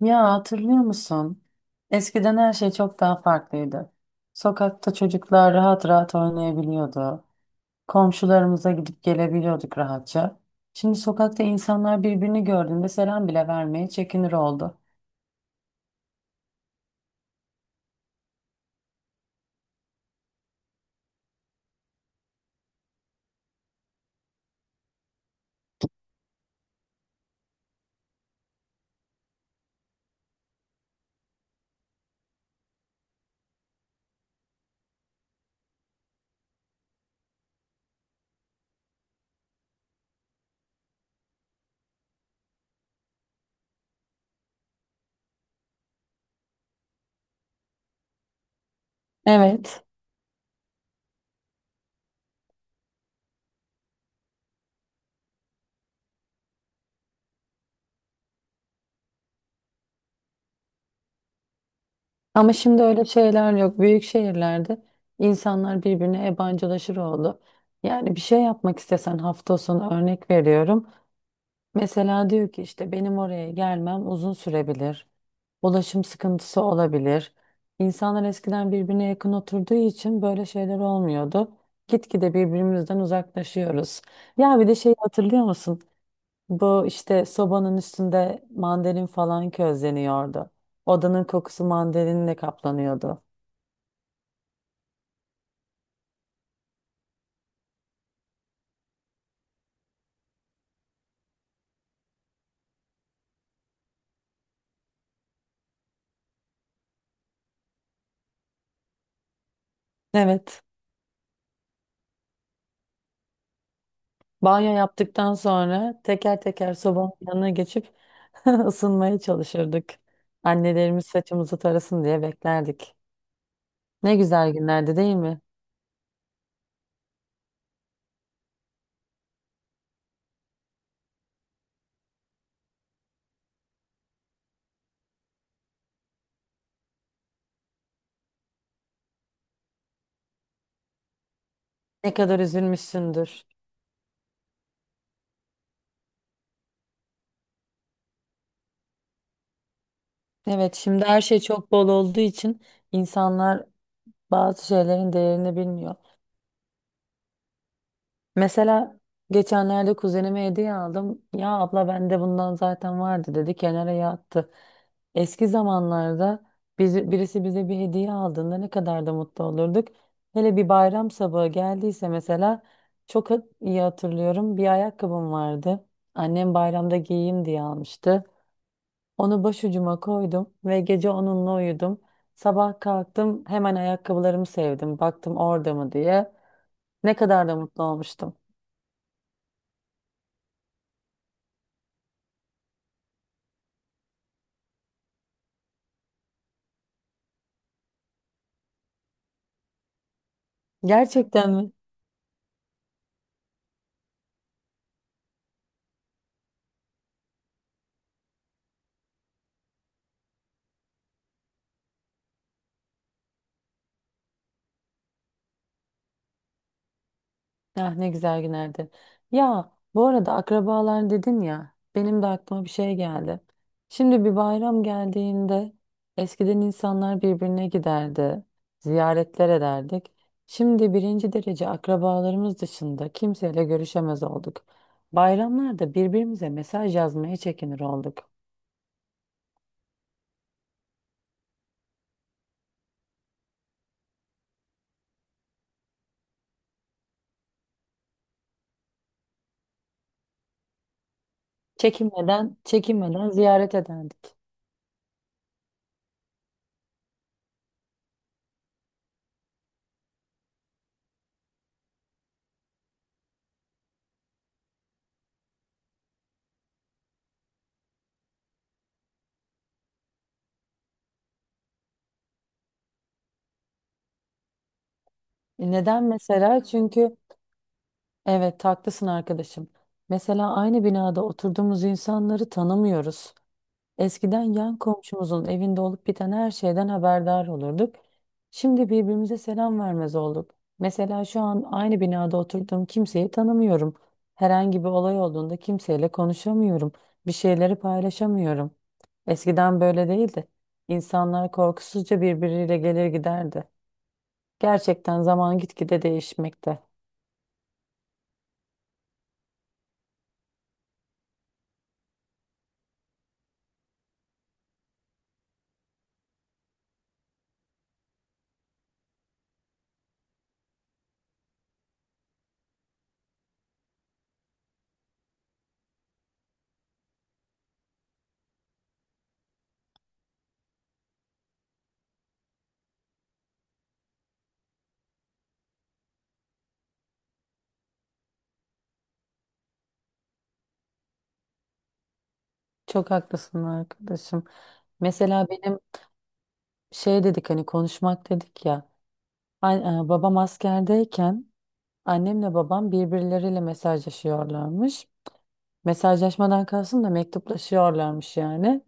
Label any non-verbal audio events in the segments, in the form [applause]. Ya hatırlıyor musun? Eskiden her şey çok daha farklıydı. Sokakta çocuklar rahat rahat oynayabiliyordu. Komşularımıza gidip gelebiliyorduk rahatça. Şimdi sokakta insanlar birbirini gördüğünde selam bile vermeye çekinir oldu. Evet, ama şimdi öyle şeyler yok. Büyük şehirlerde insanlar birbirine yabancılaşır oldu. Yani bir şey yapmak istesen hafta sonu örnek veriyorum. Mesela diyor ki işte benim oraya gelmem uzun sürebilir. Ulaşım sıkıntısı olabilir. İnsanlar eskiden birbirine yakın oturduğu için böyle şeyler olmuyordu. Gitgide birbirimizden uzaklaşıyoruz. Ya bir de şeyi hatırlıyor musun? Bu işte sobanın üstünde mandalin falan közleniyordu. Odanın kokusu mandalinle kaplanıyordu. Evet. Banyo yaptıktan sonra teker teker sobanın yanına geçip [laughs] ısınmaya çalışırdık. Annelerimiz saçımızı tarasın diye beklerdik. Ne güzel günlerdi değil mi? Ne kadar üzülmüşsündür. Evet, şimdi her şey çok bol olduğu için insanlar bazı şeylerin değerini bilmiyor. Mesela geçenlerde kuzenime hediye aldım. Ya abla bende bundan zaten vardı dedi kenara yattı. Eski zamanlarda biz, birisi bize bir hediye aldığında ne kadar da mutlu olurduk. Hele bir bayram sabahı geldiyse mesela iyi hatırlıyorum. Bir ayakkabım vardı. Annem bayramda giyeyim diye almıştı. Onu başucuma koydum ve gece onunla uyudum. Sabah kalktım hemen ayakkabılarımı sevdim. Baktım orada mı diye. Ne kadar da mutlu olmuştum. Gerçekten mi? Ah ne güzel günlerdi. Ya bu arada akrabalar dedin ya benim de aklıma bir şey geldi. Şimdi bir bayram geldiğinde eskiden insanlar birbirine giderdi, ziyaretler ederdik. Şimdi birinci derece akrabalarımız dışında kimseyle görüşemez olduk. Bayramlarda birbirimize mesaj yazmaya çekinir olduk. Çekinmeden, çekinmeden ziyaret ederdik. Neden mesela? Çünkü evet, haklısın arkadaşım. Mesela aynı binada oturduğumuz insanları tanımıyoruz. Eskiden yan komşumuzun evinde olup biten her şeyden haberdar olurduk. Şimdi birbirimize selam vermez olduk. Mesela şu an aynı binada oturduğum kimseyi tanımıyorum. Herhangi bir olay olduğunda kimseyle konuşamıyorum. Bir şeyleri paylaşamıyorum. Eskiden böyle değildi. İnsanlar korkusuzca birbiriyle gelir giderdi. Gerçekten zaman gitgide değişmekte. Çok haklısın arkadaşım. Mesela benim şey dedik hani konuşmak dedik ya. Babam askerdeyken annemle babam birbirleriyle mesajlaşıyorlarmış. Mesajlaşmadan kalsın da mektuplaşıyorlarmış yani.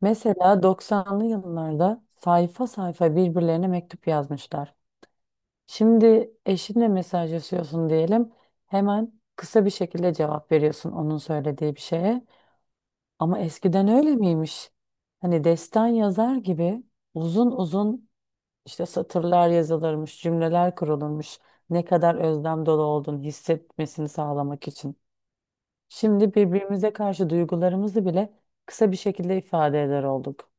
Mesela 90'lı yıllarda sayfa sayfa birbirlerine mektup yazmışlar. Şimdi eşinle mesajlaşıyorsun diyelim. Hemen kısa bir şekilde cevap veriyorsun onun söylediği bir şeye. Ama eskiden öyle miymiş? Hani destan yazar gibi uzun uzun işte satırlar yazılırmış, cümleler kurulurmuş. Ne kadar özlem dolu olduğunu hissetmesini sağlamak için. Şimdi birbirimize karşı duygularımızı bile kısa bir şekilde ifade eder olduk.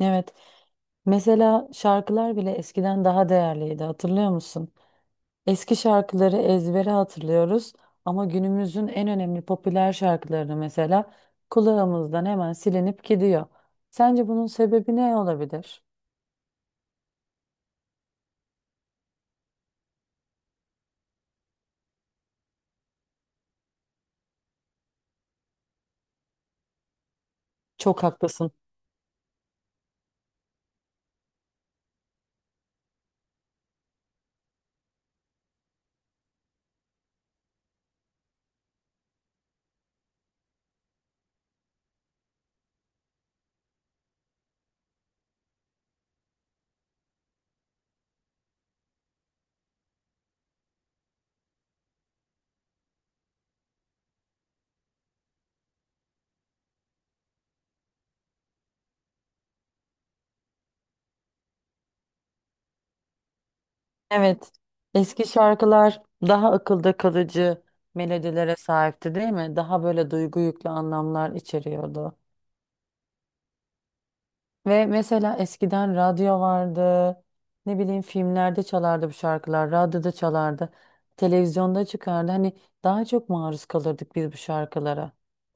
Evet. Mesela şarkılar bile eskiden daha değerliydi, hatırlıyor musun? Eski şarkıları ezbere hatırlıyoruz ama günümüzün en önemli popüler şarkılarını mesela kulağımızdan hemen silinip gidiyor. Sence bunun sebebi ne olabilir? Çok haklısın. Evet, eski şarkılar daha akılda kalıcı melodilere sahipti, değil mi? Daha böyle duygu yüklü anlamlar içeriyordu. Ve mesela eskiden radyo vardı. Ne bileyim filmlerde çalardı bu şarkılar. Radyoda çalardı. Televizyonda çıkardı. Hani daha çok maruz kalırdık biz bu şarkılara.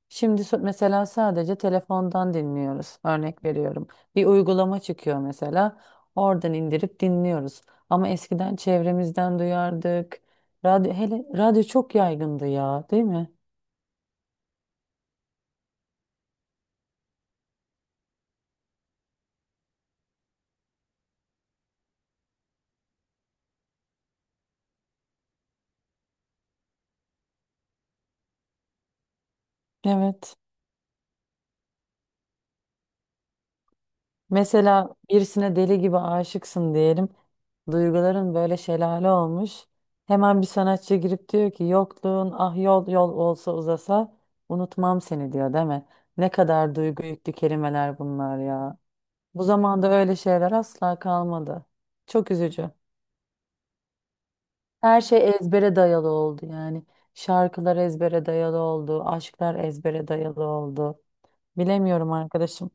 Şimdi mesela sadece telefondan dinliyoruz. Örnek veriyorum. Bir uygulama çıkıyor mesela. Oradan indirip dinliyoruz. Ama eskiden çevremizden duyardık. Radyo, hele radyo çok yaygındı ya, değil mi? Evet. Mesela birisine deli gibi aşıksın diyelim. Duyguların böyle şelale olmuş. Hemen bir sanatçı girip diyor ki yokluğun ah yol yol olsa uzasa unutmam seni diyor değil mi? Ne kadar duygu yüklü kelimeler bunlar ya. Bu zamanda öyle şeyler asla kalmadı. Çok üzücü. Her şey ezbere dayalı oldu yani. Şarkılar ezbere dayalı oldu, aşklar ezbere dayalı oldu. Bilemiyorum arkadaşım.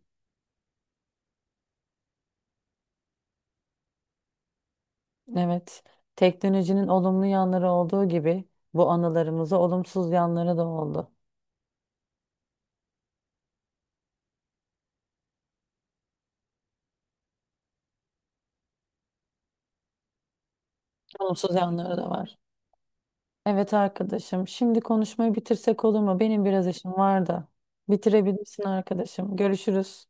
Evet, teknolojinin olumlu yanları olduğu gibi bu anılarımıza olumsuz yanları da oldu. Olumsuz yanları da var. Evet arkadaşım, şimdi konuşmayı bitirsek olur mu? Benim biraz işim var da. Bitirebilirsin arkadaşım. Görüşürüz.